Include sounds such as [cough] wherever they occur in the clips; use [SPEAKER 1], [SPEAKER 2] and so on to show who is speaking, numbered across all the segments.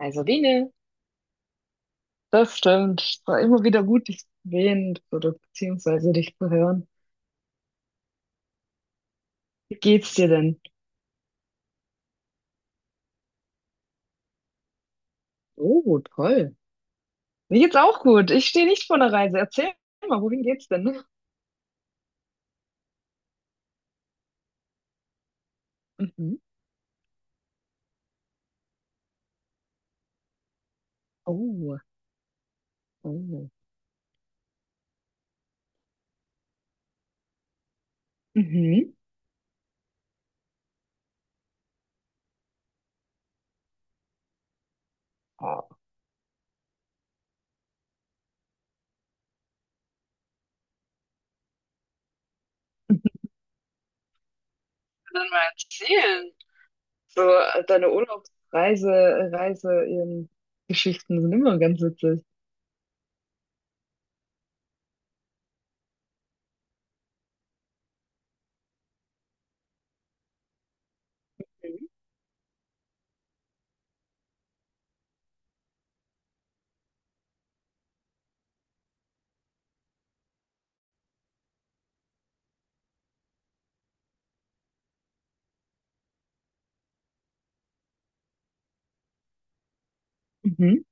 [SPEAKER 1] Also Biene. Das stimmt. Es war immer wieder gut, dich zu sehen oder beziehungsweise dich zu hören. Wie geht's dir denn? Oh, toll. Mir geht's auch gut. Ich stehe nicht vor einer Reise. Erzähl mal, wohin geht's denn? Mhm. Oh, oh. Mhm. Oh. Dann mal erzählen. So, deine Urlaubsreise, Reise, Geschichten sind immer ganz witzig. Mhm. Mhm.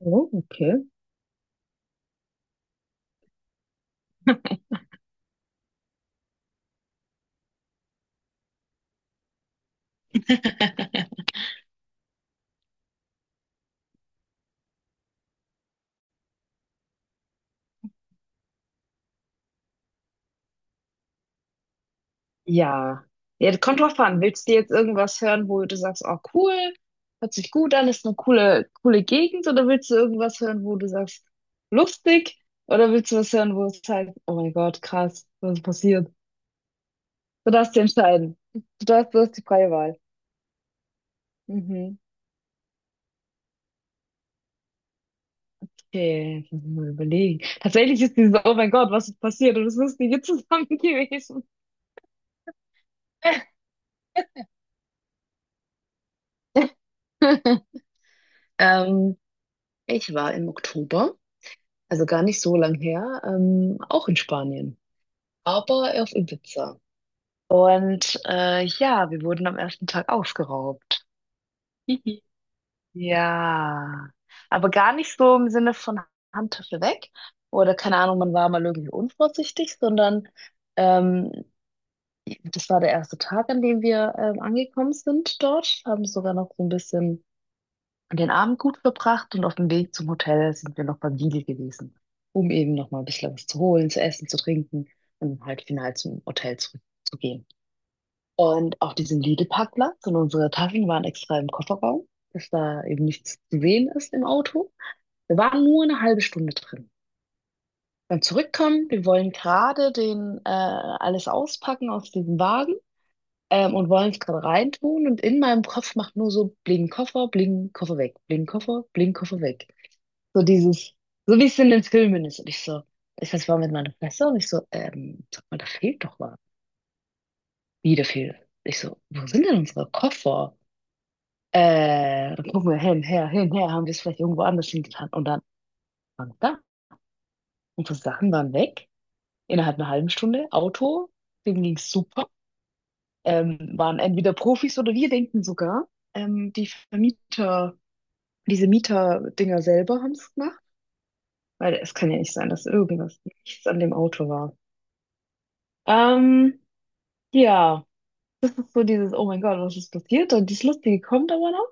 [SPEAKER 1] Oh, okay. [laughs] Ja. Ja, das kommt drauf an. Willst du jetzt irgendwas hören, wo du sagst, oh cool, hört sich gut an, ist eine coole, coole Gegend, oder willst du irgendwas hören, wo du sagst, lustig, oder willst du was hören, wo es heißt, oh mein Gott, krass, was ist passiert? Du darfst dich entscheiden. Du hast die freie Wahl. Mhm. Okay, jetzt muss ich mal überlegen. Tatsächlich ist dieses, oh mein Gott, was ist passiert? Und es ist nie zusammen gewesen. [laughs] Ähm, ich war im Oktober, also gar nicht so lang her, auch in Spanien, aber auf Ibiza. Und ja, wir wurden am ersten Tag ausgeraubt. Hihi. Ja, aber gar nicht so im Sinne von Handtasche weg oder keine Ahnung, man war mal irgendwie unvorsichtig, sondern ähm, das war der erste Tag, an dem wir angekommen sind dort, haben sogar noch so ein bisschen den Abend gut verbracht, und auf dem Weg zum Hotel sind wir noch beim Lidl gewesen, um eben noch mal ein bisschen was zu holen, zu essen, zu trinken und halt final zum Hotel zurückzugehen. Und auf diesem Lidl-Parkplatz, und unsere Taschen waren extra im Kofferraum, dass da eben nichts zu sehen ist im Auto. Wir waren nur eine halbe Stunde drin. Dann zurückkommen, wir wollen gerade den alles auspacken aus diesem Wagen, und wollen es gerade reintun. Und in meinem Kopf macht nur so bling Koffer weg, bling Koffer weg. So dieses, so wie es in den Filmen ist. Und ich so, ich weiß, war mit meiner Fresse, und ich so, sag mal, da fehlt doch was. Wie, da fehlt. Ich so, wo sind denn unsere Koffer? Dann gucken wir hin, her, haben wir es vielleicht irgendwo anders hingetan. Und dann waren da. Unsere Sachen waren weg. Innerhalb einer halben Stunde. Auto, dem ging's super. Waren entweder Profis oder wir denken sogar, die Vermieter, diese Mieter-Dinger selber haben es gemacht. Weil es kann ja nicht sein, dass irgendwas nichts an dem Auto war. Ähm, ja, so dieses, oh mein Gott, was ist passiert? Und dieses Lustige kommt aber noch.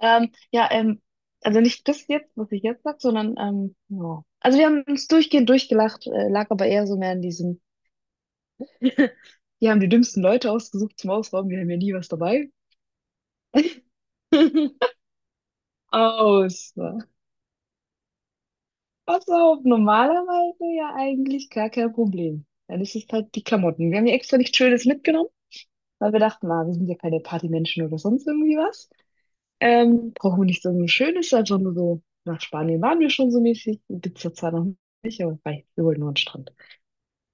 [SPEAKER 1] Ähm, ja, ähm, also nicht das jetzt, was ich jetzt sag, sondern ja. Also wir haben uns durchgehend durchgelacht, lag aber eher so mehr in diesem, [laughs] die haben die dümmsten Leute ausgesucht zum Ausrauben, wir haben ja nie was dabei. Aus. Was auch normalerweise ja eigentlich gar kein Problem. Dann ist es halt die Klamotten. Wir haben ja extra nichts Schönes mitgenommen, weil wir dachten, na, wir sind ja keine Partymenschen oder sonst irgendwie was. Brauchen wir nicht so ein Schönes, einfach nur so, nach Spanien waren wir schon so mäßig, Ibiza zwar noch nicht, aber wei, wir wollten nur an den Strand.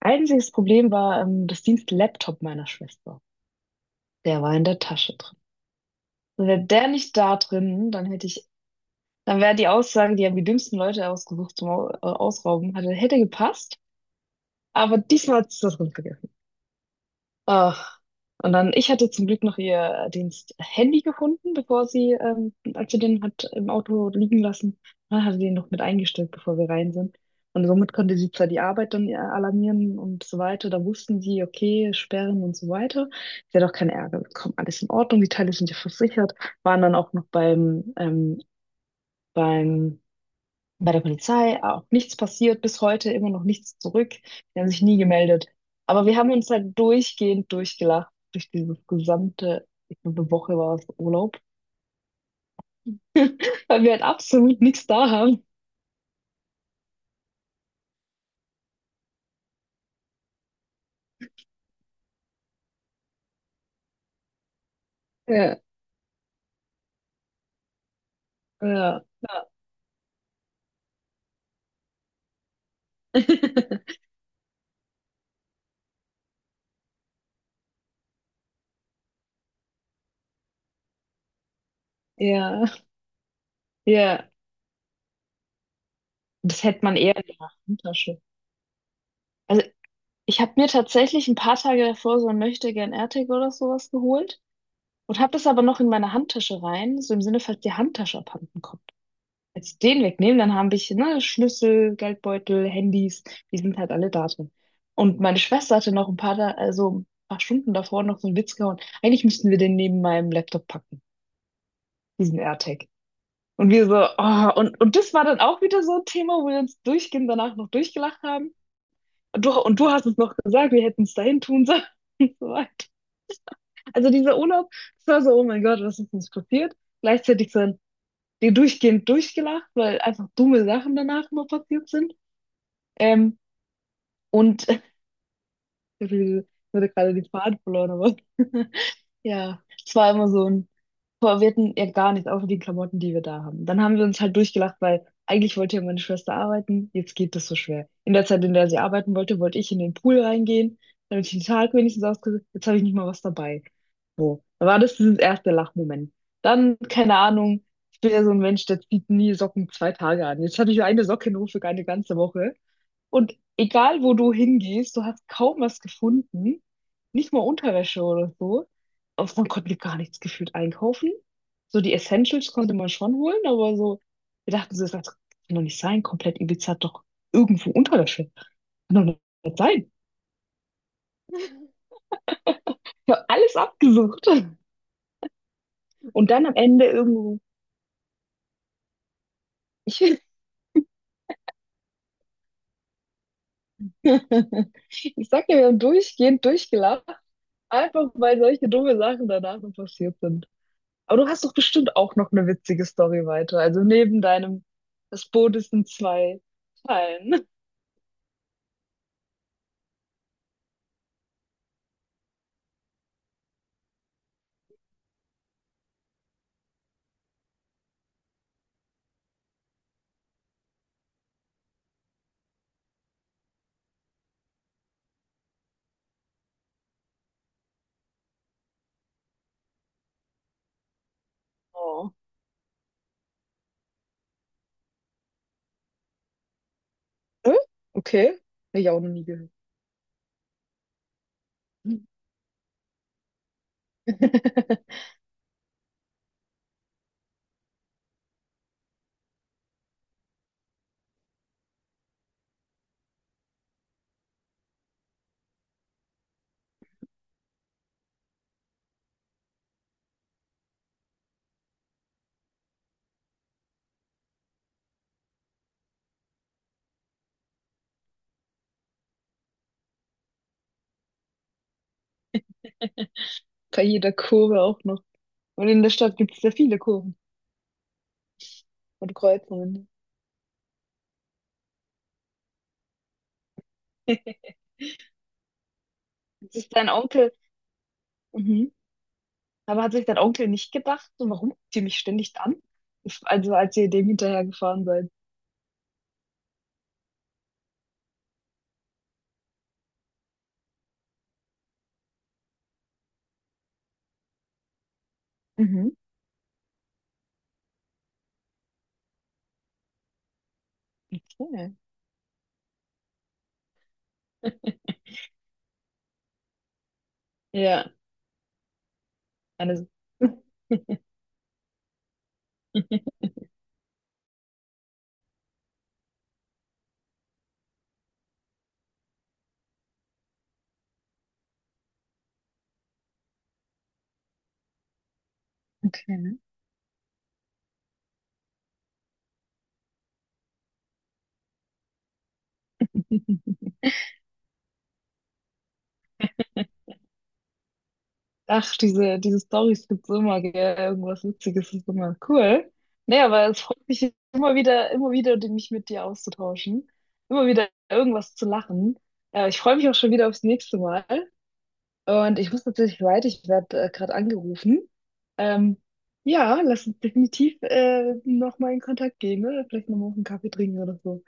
[SPEAKER 1] Einziges Problem war das Dienstlaptop meiner Schwester. Der war in der Tasche drin. Wäre der nicht da drin, dann hätte ich, dann wäre die Aussage, die haben die dümmsten Leute ausgesucht zum Ausrauben, hätte gepasst. Aber diesmal hat es das drin. Ach, und dann, ich hatte zum Glück noch ihr Diensthandy gefunden, bevor sie, als sie den hat im Auto liegen lassen, dann hatte sie den noch mit eingestellt, bevor wir rein sind. Und somit konnte sie zwar die Arbeit dann alarmieren und so weiter, da wussten sie, okay, sperren und so weiter. Sie hat auch keinen Ärger bekommen, alles in Ordnung, die Teile sind ja versichert, waren dann auch noch beim, beim bei der Polizei auch nichts passiert, bis heute immer noch nichts zurück. Die haben sich nie gemeldet. Aber wir haben uns halt durchgehend durchgelacht durch dieses gesamte, ich glaube, eine Woche war es Urlaub, [laughs] weil wir halt absolut nichts da haben. Ja. Ja, ja, [laughs] ja. Ja. Das hätte man eher in der Handtasche. Also ich habe mir tatsächlich ein paar Tage davor so ein Möchtegern AirTag oder sowas geholt und habe das aber noch in meine Handtasche rein, so im Sinne, falls die Handtasche abhanden kommt. Als ich den wegnehmen, dann haben ich, ne, Schlüssel, Geldbeutel, Handys, die sind halt alle da drin. Und meine Schwester hatte noch ein paar, da, also ein paar Stunden davor noch so einen Witz gehauen. Eigentlich müssten wir den neben meinem Laptop packen, diesen AirTag. Und wir so, oh, und das war dann auch wieder so ein Thema, wo wir uns durchgehend danach noch durchgelacht haben. Und du hast es noch gesagt, wir hätten es dahin tun sollen [laughs] und so weiter. Also dieser Urlaub, das war so, oh mein Gott, was ist uns passiert? Gleichzeitig so ein, die durchgehend durchgelacht, weil einfach dumme Sachen danach immer passiert sind. Ähm, und [laughs] ich hatte gerade den Faden verloren, aber [laughs] ja, es war immer so ein, boah, wir hatten ja gar nichts, außer die Klamotten, die wir da haben. Dann haben wir uns halt durchgelacht, weil eigentlich wollte ja meine Schwester arbeiten, jetzt geht das so schwer. In der Zeit, in der sie arbeiten wollte, wollte ich in den Pool reingehen, damit ich den Tag wenigstens ausgesucht, jetzt habe ich nicht mal was dabei. So, da war das dieses erste Lachmoment. Dann, keine Ahnung, ich bin ja so ein Mensch, der zieht nie Socken zwei Tage an. Jetzt hatte ich eine Socke nur für eine ganze Woche. Und egal, wo du hingehst, du hast kaum was gefunden. Nicht mal Unterwäsche oder so. Also man konnte gar nichts gefühlt einkaufen. So die Essentials konnte man schon holen, aber so, wir dachten so, das kann doch nicht sein. Komplett Ibiza hat doch irgendwo Unterwäsche. Kann doch nicht sein. Ich habe alles abgesucht. Und dann am Ende irgendwo. Ich, [laughs] ich sag dir, wir haben durchgehend durchgelacht, einfach weil solche dumme Sachen danach noch passiert sind. Aber du hast doch bestimmt auch noch eine witzige Story weiter. Also neben deinem, das Boot ist in zwei Teilen. Oh. Hä? Okay. Hab ich auch noch nie gehört. [laughs] Bei jeder Kurve auch noch. Und in der Stadt gibt es ja viele Kurven und Kreuzungen. [laughs] Jetzt ist dein Onkel. Mhm. Aber hat sich dein Onkel nicht gedacht, so, warum guckt ihr mich ständig an? Also als ihr dem hinterher gefahren seid. Mhm. Okay. Ja. Eine, [laughs] okay. Ach, diese Storys gibt's immer, gell? Irgendwas Witziges ist immer cool. Nee, aber es freut mich immer wieder, die- mich mit dir auszutauschen. Immer wieder irgendwas zu lachen. Ich freue mich auch schon wieder aufs nächste Mal. Und ich muss tatsächlich weiter, ich werde gerade angerufen. Ähm, ja, lass uns definitiv nochmal in Kontakt gehen, ne? Vielleicht nochmal auf einen Kaffee trinken oder so.